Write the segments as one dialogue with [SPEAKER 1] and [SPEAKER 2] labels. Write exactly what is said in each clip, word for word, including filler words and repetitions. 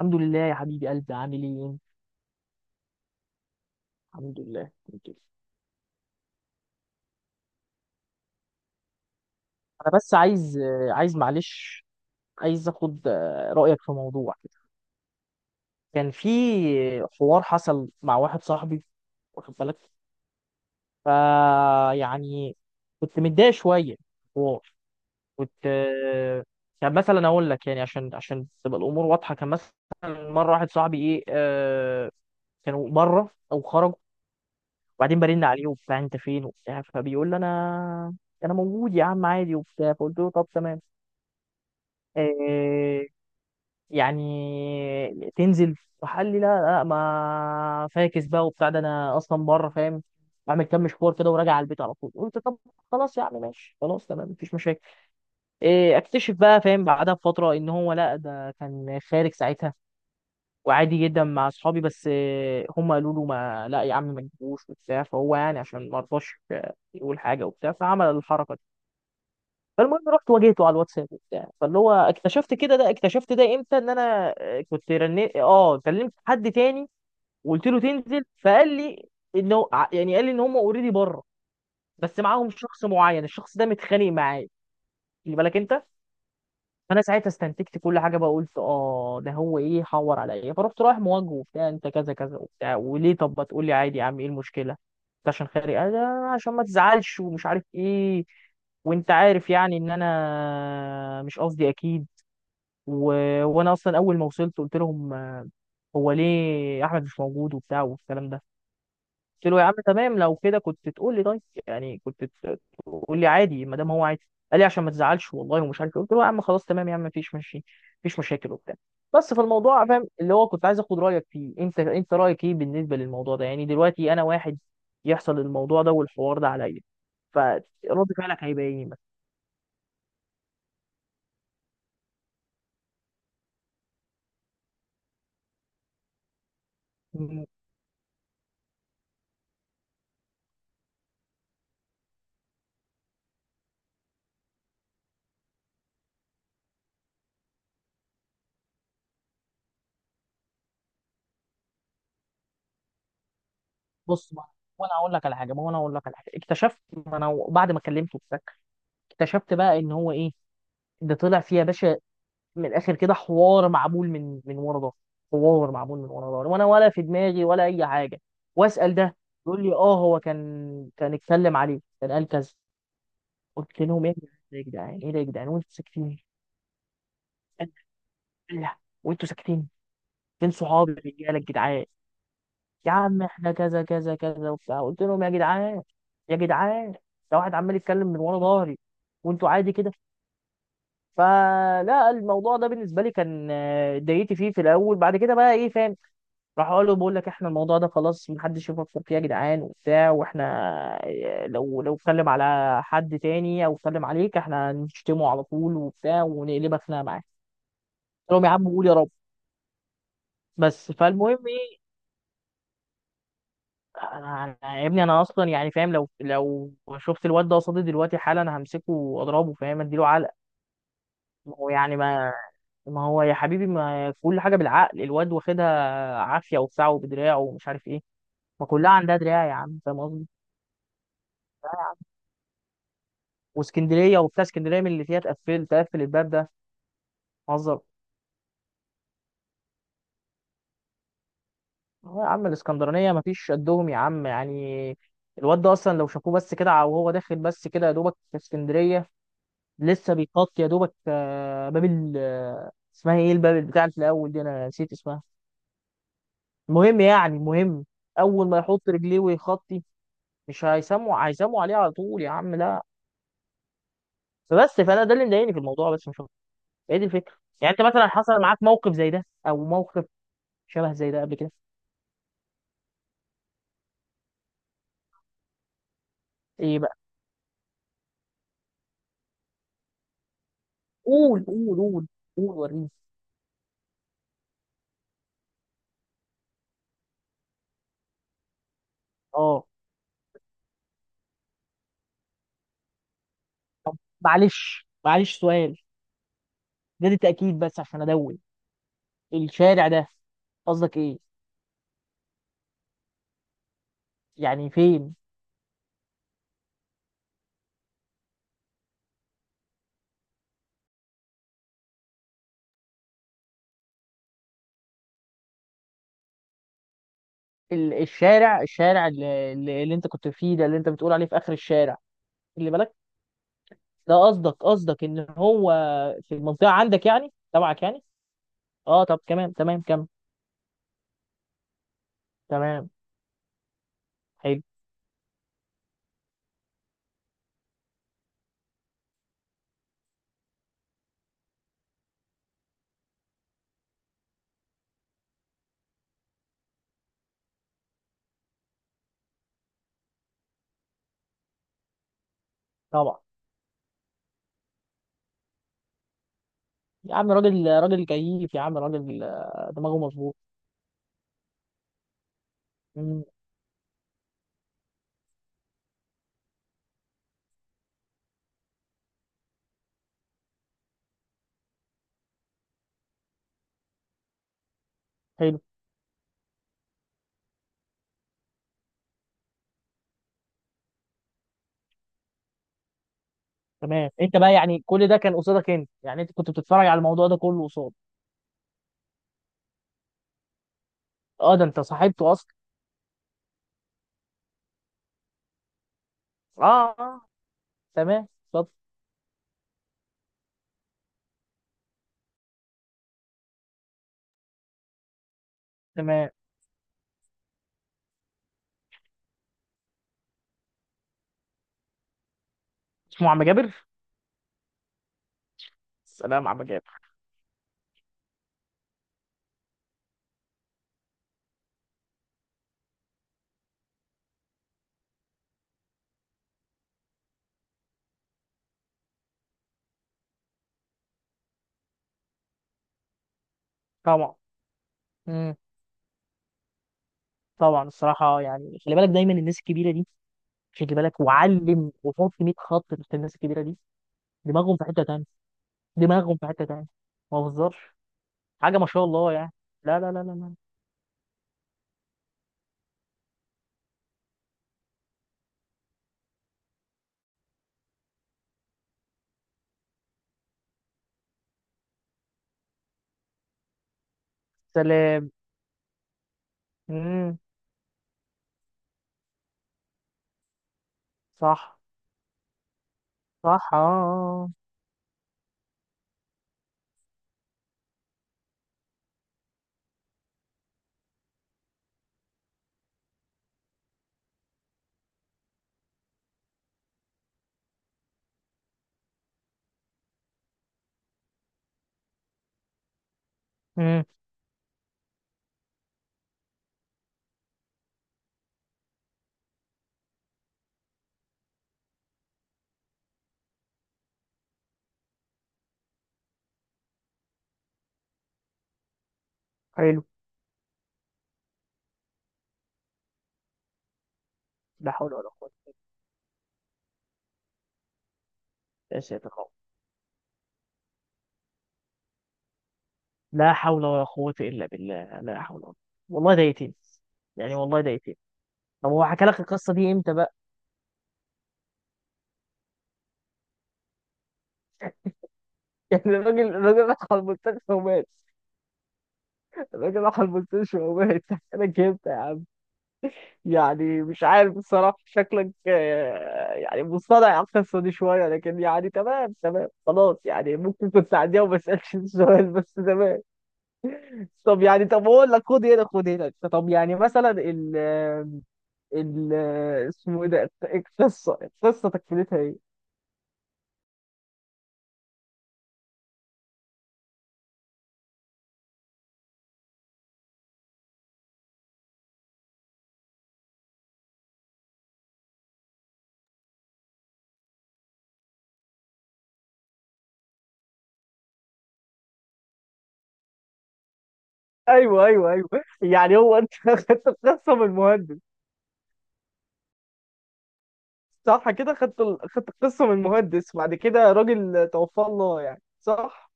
[SPEAKER 1] الحمد لله يا حبيبي، قلبي عامل ايه انت؟ الحمد لله. الحمد لله. انا بس عايز عايز معلش، عايز اخد آه، رايك في موضوع كده. كان في حوار حصل مع واحد صاحبي، واخد بالك. فا يعني كنت متضايق شويه، حوار. كنت، كان مثلا اقول لك، يعني عشان عشان تبقى الامور واضحه. كان مثلا مره واحد صاحبي ايه آه، كانوا بره او خرجوا، وبعدين برن عليه وبتاع انت فين وبتاع، فبيقول لي انا انا موجود يا عم عادي وبتاع. فقلت له طب تمام، إيه يعني تنزل؟ فقال لي لا لا، ما فاكس بقى وبتاع، ده انا اصلا بره فاهم، بعمل كام مشوار كده وراجع على البيت على طول. قلت طب خلاص يا عم ماشي، خلاص تمام مفيش مشاكل. إيه، اكتشف بقى فاهم بعدها بفتره ان هو لا، ده كان خارج ساعتها، وعادي جدا مع اصحابي، بس آه، هم قالوا له ما لا يا عم ما تجيبوش وبتاع، فهو يعني عشان ما رضاش آه، يقول حاجه وبتاع فعمل الحركه دي. فالمهم رحت واجهته على الواتساب وبتاع، فاللي هو اكتشفت كده، ده اكتشفت ده امتى، ان انا آه، كنت رنيت، اه كلمت حد تاني وقلت له تنزل. فقال لي انه ع- يعني قال لي ان هم اوريدي بره، بس معاهم شخص معين، الشخص ده متخانق معايا، خلي بالك انت. فانا ساعتها استنتجت كل حاجه بقى. قلت اه ده هو ايه حور عليا. فرحت رايح مواجهه وبتاع، انت كذا كذا وبتاع وليه، طب ما تقول لي عادي يا عم، ايه المشكله انت عشان خارج؟ قال لا، عشان ما تزعلش ومش عارف ايه، وانت عارف يعني ان انا مش قصدي اكيد. و... وانا اصلا اول ما وصلت قلت لهم هو ليه احمد مش موجود وبتاع والكلام ده. قلت له يا عم تمام، لو كده كنت تقول لي، طيب يعني كنت ت- تقول لي عادي ما دام هو عادي. قال لي عشان ما تزعلش والله ومش عارف إيه. قلت له يا عم خلاص تمام يا عم مفيش ماشي، مفيش مشاكل وبتاع. بس في الموضوع فاهم اللي هو كنت عايز اخد رايك فيه، انت انت رايك ايه بالنسبه للموضوع ده؟ يعني دلوقتي انا واحد يحصل الموضوع ده والحوار ده عليا، فرد فعلك هيبقى ايه مثلا؟ مم، بص ما، وانا اقول لك على حاجه، ما هو انا اقول لك على حاجه اكتشفت، ما انا بعد ما كلمته وبتاع، اكتشفت بقى ان هو ايه، ده طلع فيه يا باشا، من الاخر كده، حوار معمول من من ورا ظهري. حوار معمول من ورا ظهري وانا ولا في دماغي ولا اي حاجه. واسال ده يقول لي اه، هو كان كان اتكلم عليه كان قال كذا. قلت لهم ايه يا جدعان، ايه ده يا جدعان وانتوا ساكتين؟ قال لا. وانتوا ساكتين؟ فين صحابي الرجاله الجدعان؟ يا عم احنا كذا كذا كذا وبتاع. قلت لهم يا جدعان، يا جدعان، ده واحد عمال يتكلم من ورا ظهري وانتوا عادي كده؟ فلا، الموضوع ده بالنسبه لي كان آه، اتضايقت فيه في الاول، بعد كده بقى ايه فاهم، راح اقول له بقول لك احنا الموضوع ده خلاص محدش يفكر فيه يا جدعان وبتاع، واحنا آه، لو لو اتكلم على حد تاني او اتكلم عليك احنا هنشتمه على طول وبتاع ونقلبك خناقه معاه. قلت لهم يا عم قول يا رب. بس فالمهم ايه، انا أنا- يا ابني انا اصلا يعني فاهم، لو لو شفت الواد ده قصادي دلوقتي حالا همسكه واضربه فاهم، اديله علقه. ما هو يعني، ما ما هو يا حبيبي ما كل حاجه بالعقل. الواد واخدها عافيه وبتاع وبدراع ومش عارف ايه. ما كلها عندها دراع يا عم فاهم قصدي. دراع يا عم. واسكندريه وبتاع، اسكندريه من اللي فيها تقفل تقفل الباب ده، هزر. هو يا عم الاسكندرانيه ما فيش قدهم يا عم يعني. الواد ده اصلا لو شافوه بس كده وهو داخل بس كده يا دوبك في اسكندريه، لسه بيغطي يا دوبك آه، باب ال آه، اسمها ايه، الباب بتاع اللي في الاول دي انا نسيت اسمها. المهم يعني المهم، اول ما يحط رجليه ويخطي مش هيسموا هيسموا عليه على طول يا عم، لا. فبس فانا ده اللي مضايقني في الموضوع بس مش، هي دي الفكره. يعني انت مثلا حصل معاك موقف زي ده او موقف شبه زي ده قبل كده؟ ايه بقى؟ قول قول قول قول وريني. اه معلش معلش سؤال، ده دي تاكيد بس عشان ادون، الشارع ده قصدك ايه يعني فين؟ ال- الشارع الشارع اللي, اللي اللي انت كنت فيه، ده اللي انت بتقول عليه في اخر الشارع اللي بالك؟ ده قصدك قصدك ان هو في المنطقه عندك يعني تبعك يعني؟ اه طب تمام تمام كم. تمام. حلو. طبعا. يا عم راجل راجل كيف يا عم، راجل آه، دماغه مظبوط. مم، حلو. تمام. انت بقى يعني كل ده كان قصادك انت يعني، انت كنت بتتفرج على الموضوع ده كله قصاد؟ اه ده انت صاحبته اصلا. اه اه. تمام اتفضل. تمام. اسمه عم جابر؟ سلام عم جابر. طبعا. مم. طبعا الصراحه يعني خلي بالك، دايما الناس الكبيره دي، خلي بالك وعلم وحط مية خط تحت الناس الكبيره دي. دماغهم في حته تانيه. دماغهم في حته تانيه. ما بهزرش حاجه ما شاء الله يعني. لا لا لا لا لا. سلام. مم. صح. صح اه. امم. حلو. لا حول ولا قوة. يا ساتر يا رب. لا حول ولا قوة إلا بالله، لا حول ولا. والله ده يتيم. يعني والله ده يتيم. طب هو حكى لك القصة دي امتى بقى؟ يعني الراجل الراجل راح على المستشفى ومات. الراجل راح على المستشفى ومات حكى لك امتى يا عم؟ يعني مش عارف الصراحة، شكلك آه، يعني مصطنع على القصة دي شوية، لكن يعني تمام تمام خلاص يعني، ممكن كنت تعديها وما اسألش السؤال، بس تمام. طب يعني، طب اقول لك، خد هنا خد هنا، طب يعني مثلا ال ال اسمه ايه ده؟ القصه القصه تكملتها ايه؟ ايوه ايوه ايوه. يعني هو انت خدت القصه من المهندس؟ صح كده؟ خدت ال- خدت القصه من المهندس وبعد كده راجل توفاه الله يعني صح؟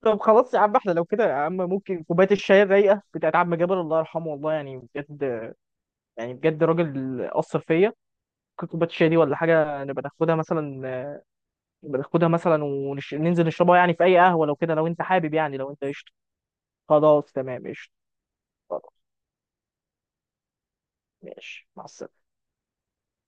[SPEAKER 1] طب خلاص يا عم احنا لو كده يا عم ممكن كوبايه الشاي الرايقه بتاعت عم جابر الله يرحمه، والله يعني بجد، يعني بجد راجل اثر فيا، ممكن كوبايه الشاي دي ولا حاجه نبقى ناخدها مثلا، بناخدها مثلا وننزل نشربها يعني في اي قهوه لو كده، لو انت حابب، يعني لو انت قشطه. خلاص تمام قشطه. خلاص. ماشي مع السلامه.